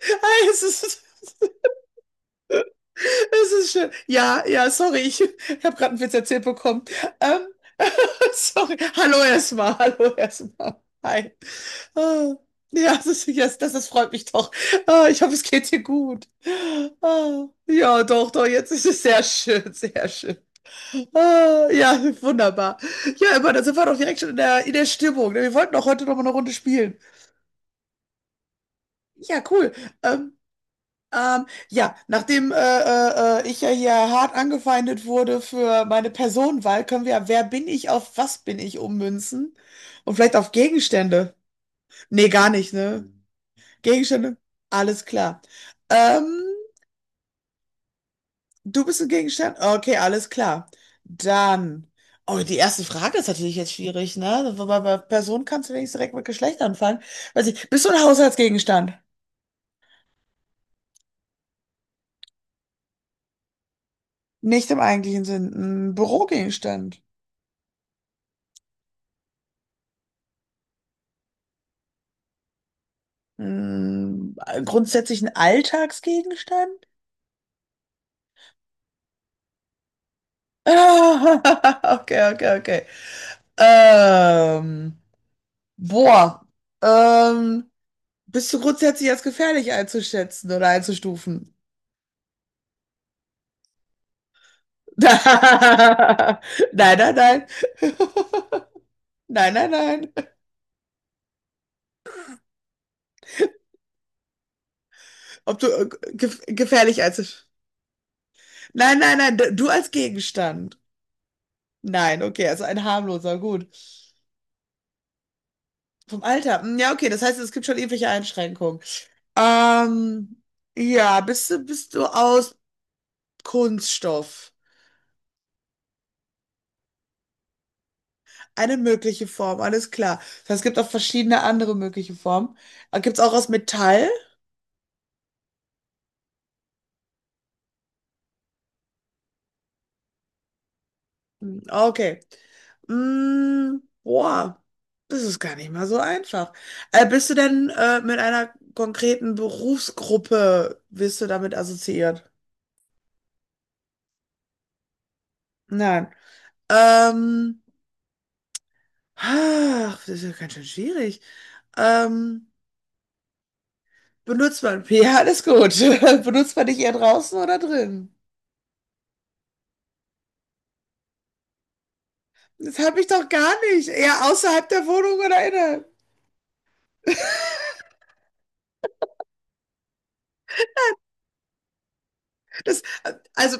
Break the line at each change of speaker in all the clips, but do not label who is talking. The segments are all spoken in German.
Geil, es ist, es ist schön. Ja, ja, sorry, ich habe gerade einen Witz erzählt bekommen. Ähm, sorry. Hallo erstmal, hallo erstmal. Hi. Ah, ja, das ist, yes, das, das freut mich doch. Ah, ich hoffe, es geht dir gut. Ah, ja, doch, doch, jetzt ist es sehr schön, sehr schön. Ah, ja, wunderbar. Ja, immer, dann sind wir doch direkt schon in der Stimmung, ne? Wir wollten doch heute noch mal eine Runde spielen. Ja, cool. Ähm, ja, nachdem ich ja hier hart angefeindet wurde für meine Personenwahl, können wir ja Wer bin ich auf was bin ich ummünzen? Und vielleicht auf Gegenstände. Nee, gar nicht, ne? Mhm. Gegenstände? Alles klar. Ähm, du bist ein Gegenstand? Okay, alles klar. Dann. Oh, die erste Frage ist natürlich jetzt schwierig, ne? Wobei bei Person kannst du wenigstens direkt mit Geschlecht anfangen. Weiß ich, bist du ein Haushaltsgegenstand? Nicht im eigentlichen Sinn. Ein Bürogegenstand. Hm, grundsätzlich ein Alltagsgegenstand? Okay, okay, okay. Ähm, boah, ähm, bist du grundsätzlich als gefährlich einzuschätzen oder einzustufen? Nein, nein, nein. Nein, nein, nein. Ob du gefährlich einzuschätzen? Nein, nein, nein, du als Gegenstand. Nein, okay, also ein harmloser, gut. Vom Alter. Hm, ja, okay, das heißt, es gibt schon irgendwelche Einschränkungen. Ähm, ja, bist du aus Kunststoff? Eine mögliche Form, alles klar. Das heißt, es gibt auch verschiedene andere mögliche Formen. Gibt es auch aus Metall? Hm, okay. Mm, boah, das ist gar nicht mal so einfach. Bist du denn mit einer konkreten Berufsgruppe, bist du damit assoziiert? Nein. Ähm, ach, das ist ja ganz schön schwierig. Ähm, Benutzt man P, alles gut. Benutzt man dich eher draußen oder drin? Das habe ich doch gar nicht. Eher außerhalb der Wohnung oder innerhalb. Das, also,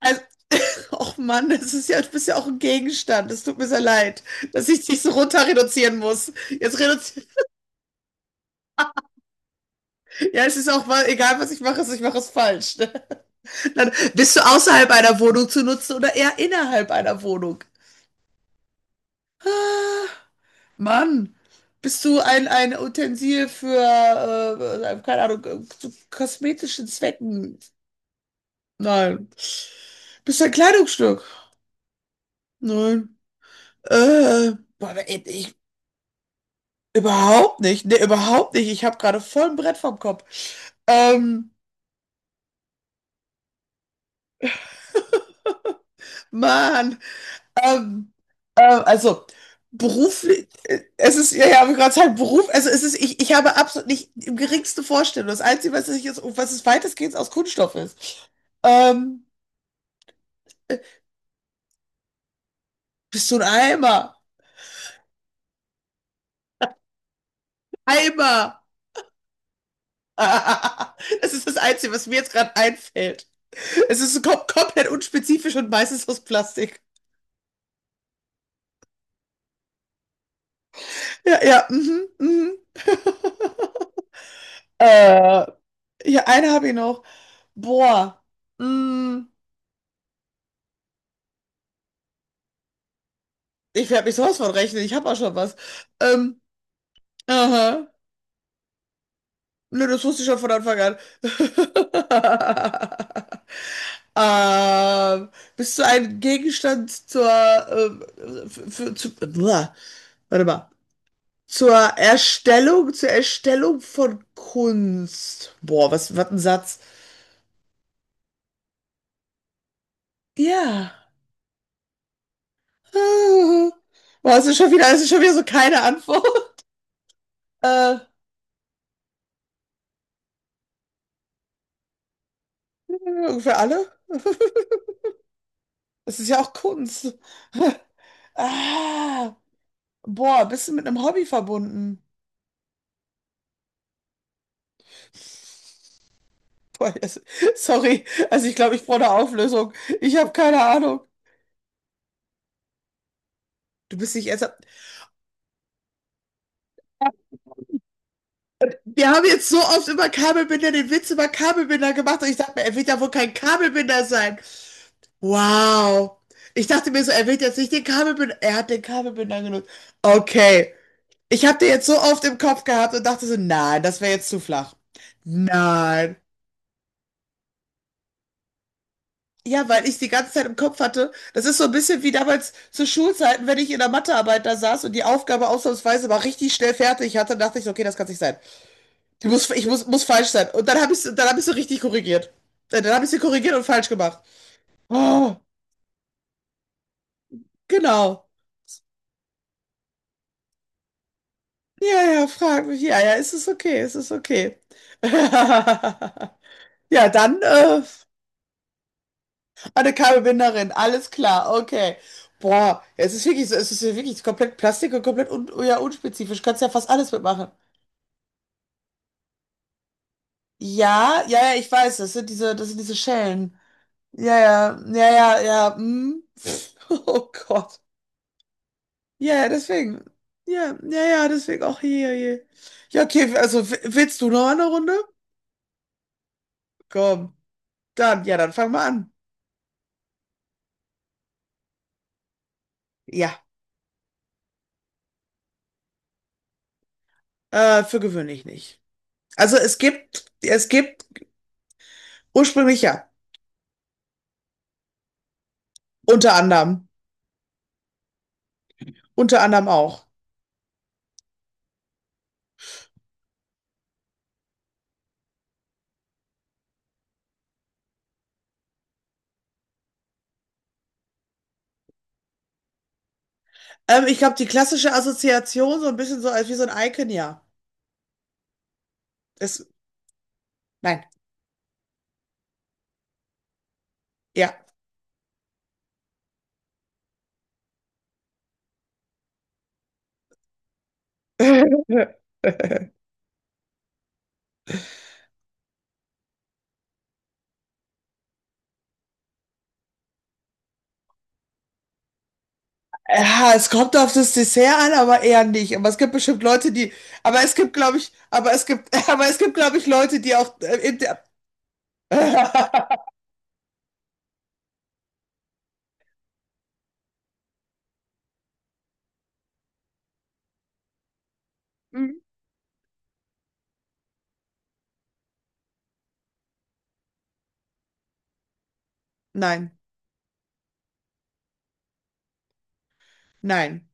also, och Mann, das ist ja, du bist ja auch ein Gegenstand. Das tut mir sehr leid, dass ich dich so runter reduzieren muss. Jetzt reduzieren, ja, es ist auch mal, egal was ich mache, ich mache es falsch. Ne? Dann bist du außerhalb einer Wohnung zu nutzen oder eher innerhalb einer Wohnung? Ah. Mann, bist du ein Utensil für, keine Ahnung, zu kosmetischen Zwecken? Nein. Bist du ein Kleidungsstück? Nein. Äh, boah, ich, ich, überhaupt nicht. Nee, überhaupt nicht. Ich habe gerade voll ein Brett vom Kopf. Ähm, Mann. Ähm, also beruflich, es ist, ja, ja, habe ich gerade gesagt, Beruf, also es ist, ich habe absolut nicht die geringste Vorstellung. Das Einzige, was ich jetzt, was es weitestgehend aus Kunststoff ist. Ähm, bist du ein Eimer? Eimer! Das ist das Einzige, was mir jetzt gerade einfällt. Es ist so komplett unspezifisch und meistens aus Plastik. Ja, ja, mhm, mhm. Äh, ja, eine habe ich noch. Boah. Mm. Ich werde mich sowas von rechnen. Ich habe auch schon was. Ähm, aha. Nö, das wusste ich schon von Anfang an. ähm, bist du ein Gegenstand zur, ähm, für, für, zu, Uah. Warte mal, zur Erstellung von Kunst? Boah, was, was ein Satz. Ja. Ah. Boah, es ist schon wieder, es ist schon wieder so keine Antwort. Äh, für alle. Es ist ja auch Kunst. Ah, boah, bist du mit einem Hobby verbunden? Boah, yes. Sorry, also ich glaube, ich brauche eine Auflösung. Ich habe keine Ahnung. Du bist nicht ernsthaft. Wir haben jetzt so oft über Kabelbinder den Witz über Kabelbinder gemacht und ich dachte mir, er wird ja wohl kein Kabelbinder sein. Wow. Ich dachte mir so, er wird jetzt nicht den Kabelbinder. Er hat den Kabelbinder genutzt. Okay. Ich habe den jetzt so oft im Kopf gehabt und dachte so, nein, das wäre jetzt zu flach. Nein. Ja, weil ich die ganze Zeit im Kopf hatte, das ist so ein bisschen wie damals zu Schulzeiten, wenn ich in der Mathearbeit da saß und die Aufgabe ausnahmsweise mal richtig schnell fertig hatte, dachte ich, so, okay, das kann nicht sein. Muss falsch sein. Dann habe ich sie richtig korrigiert. Dann habe ich sie korrigiert und falsch gemacht. Oh, genau. Ja, ja, frag mich. Ja, ja, es ist okay, es ist okay. Ja, dann, eine Kabelbinderin, alles klar, okay. Boah, es ist wirklich so, es ist ja wirklich komplett Plastik und komplett un, ja, unspezifisch. Kannst ja fast alles mitmachen. Ja, ja, ja, ich weiß, das sind diese Schellen. Ja, ja, ja, ja, ja. Hm. Oh Gott. Ja, ja, deswegen. Ja, ja, ja, deswegen auch hier, hier. Ja, okay, also willst du noch eine Runde? Komm. Dann, ja, dann fang mal an. Ja, für gewöhnlich nicht. Es gibt ursprünglich ja, unter anderem. Unter anderem auch. Ich glaube, die klassische Assoziation, so ein bisschen so als wie so ein Icon, ja. Es, nein, ja. Ja, es kommt auf das Dessert an, aber eher nicht. Aber es gibt bestimmt Leute, die, aber es gibt, glaube ich, aber es gibt, aber es gibt, glaube ich, Leute, die auch in der, hm, nein, nein.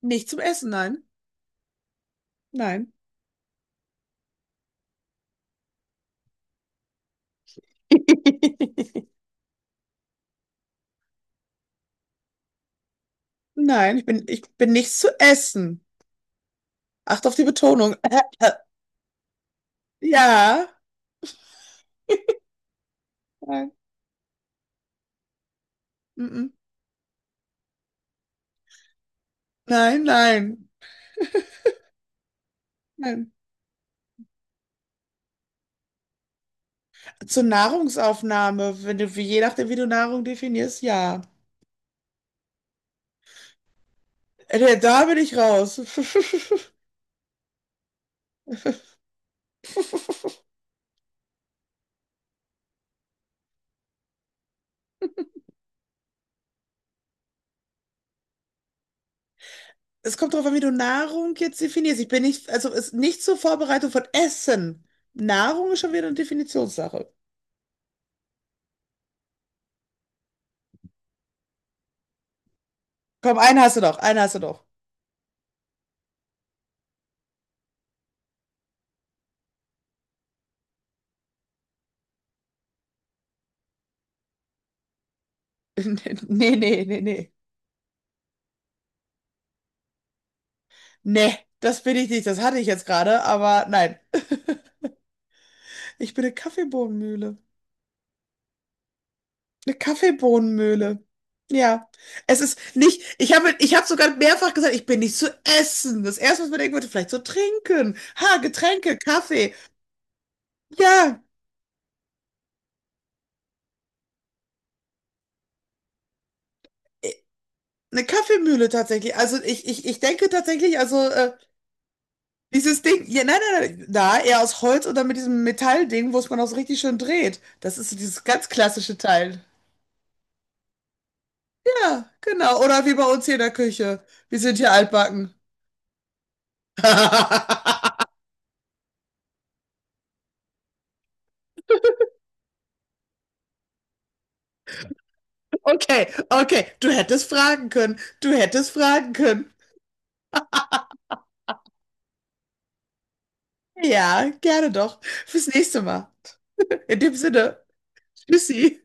Nicht zum Essen, nein. Nein. Nein, ich bin nichts zu essen. Acht auf die Betonung. Ja. Nein. Mhm. Nein, nein. Nein. Zur Nahrungsaufnahme, wenn du, wie- je nachdem, wie du Nahrung definierst, ja. Da bin ich raus. Es kommt darauf an, wie du Nahrung jetzt definierst. Ich bin nicht, also ist nicht zur Vorbereitung von Essen. Nahrung ist schon wieder eine Definitionssache. Komm, einen hast du doch, einen hast du doch. Nee, nee, nee, nee. Nee, das bin ich nicht. Das hatte ich jetzt gerade, aber nein. Ich bin eine Kaffeebohnenmühle. Eine Kaffeebohnenmühle. Ja. Es ist nicht, ich habe sogar mehrfach gesagt, ich bin nicht zu essen. Das erste, was man denken würde, vielleicht zu trinken. Ha, Getränke, Kaffee. Ja, eh, eine Kaffeemühle tatsächlich. Ich denke tatsächlich, also dieses Ding, ja, nein, nein, nein, na, eher aus Holz oder mit diesem Metallding, wo es man auch so richtig schön dreht. Das ist so dieses ganz klassische Teil. Ja, genau. Oder wie bei uns hier in der Küche. Wir sind hier altbacken. Okay, okay. Du hättest fragen können. Du hättest fragen können. Ja, gerne doch. Fürs nächste Mal. In dem Sinne, tschüssi.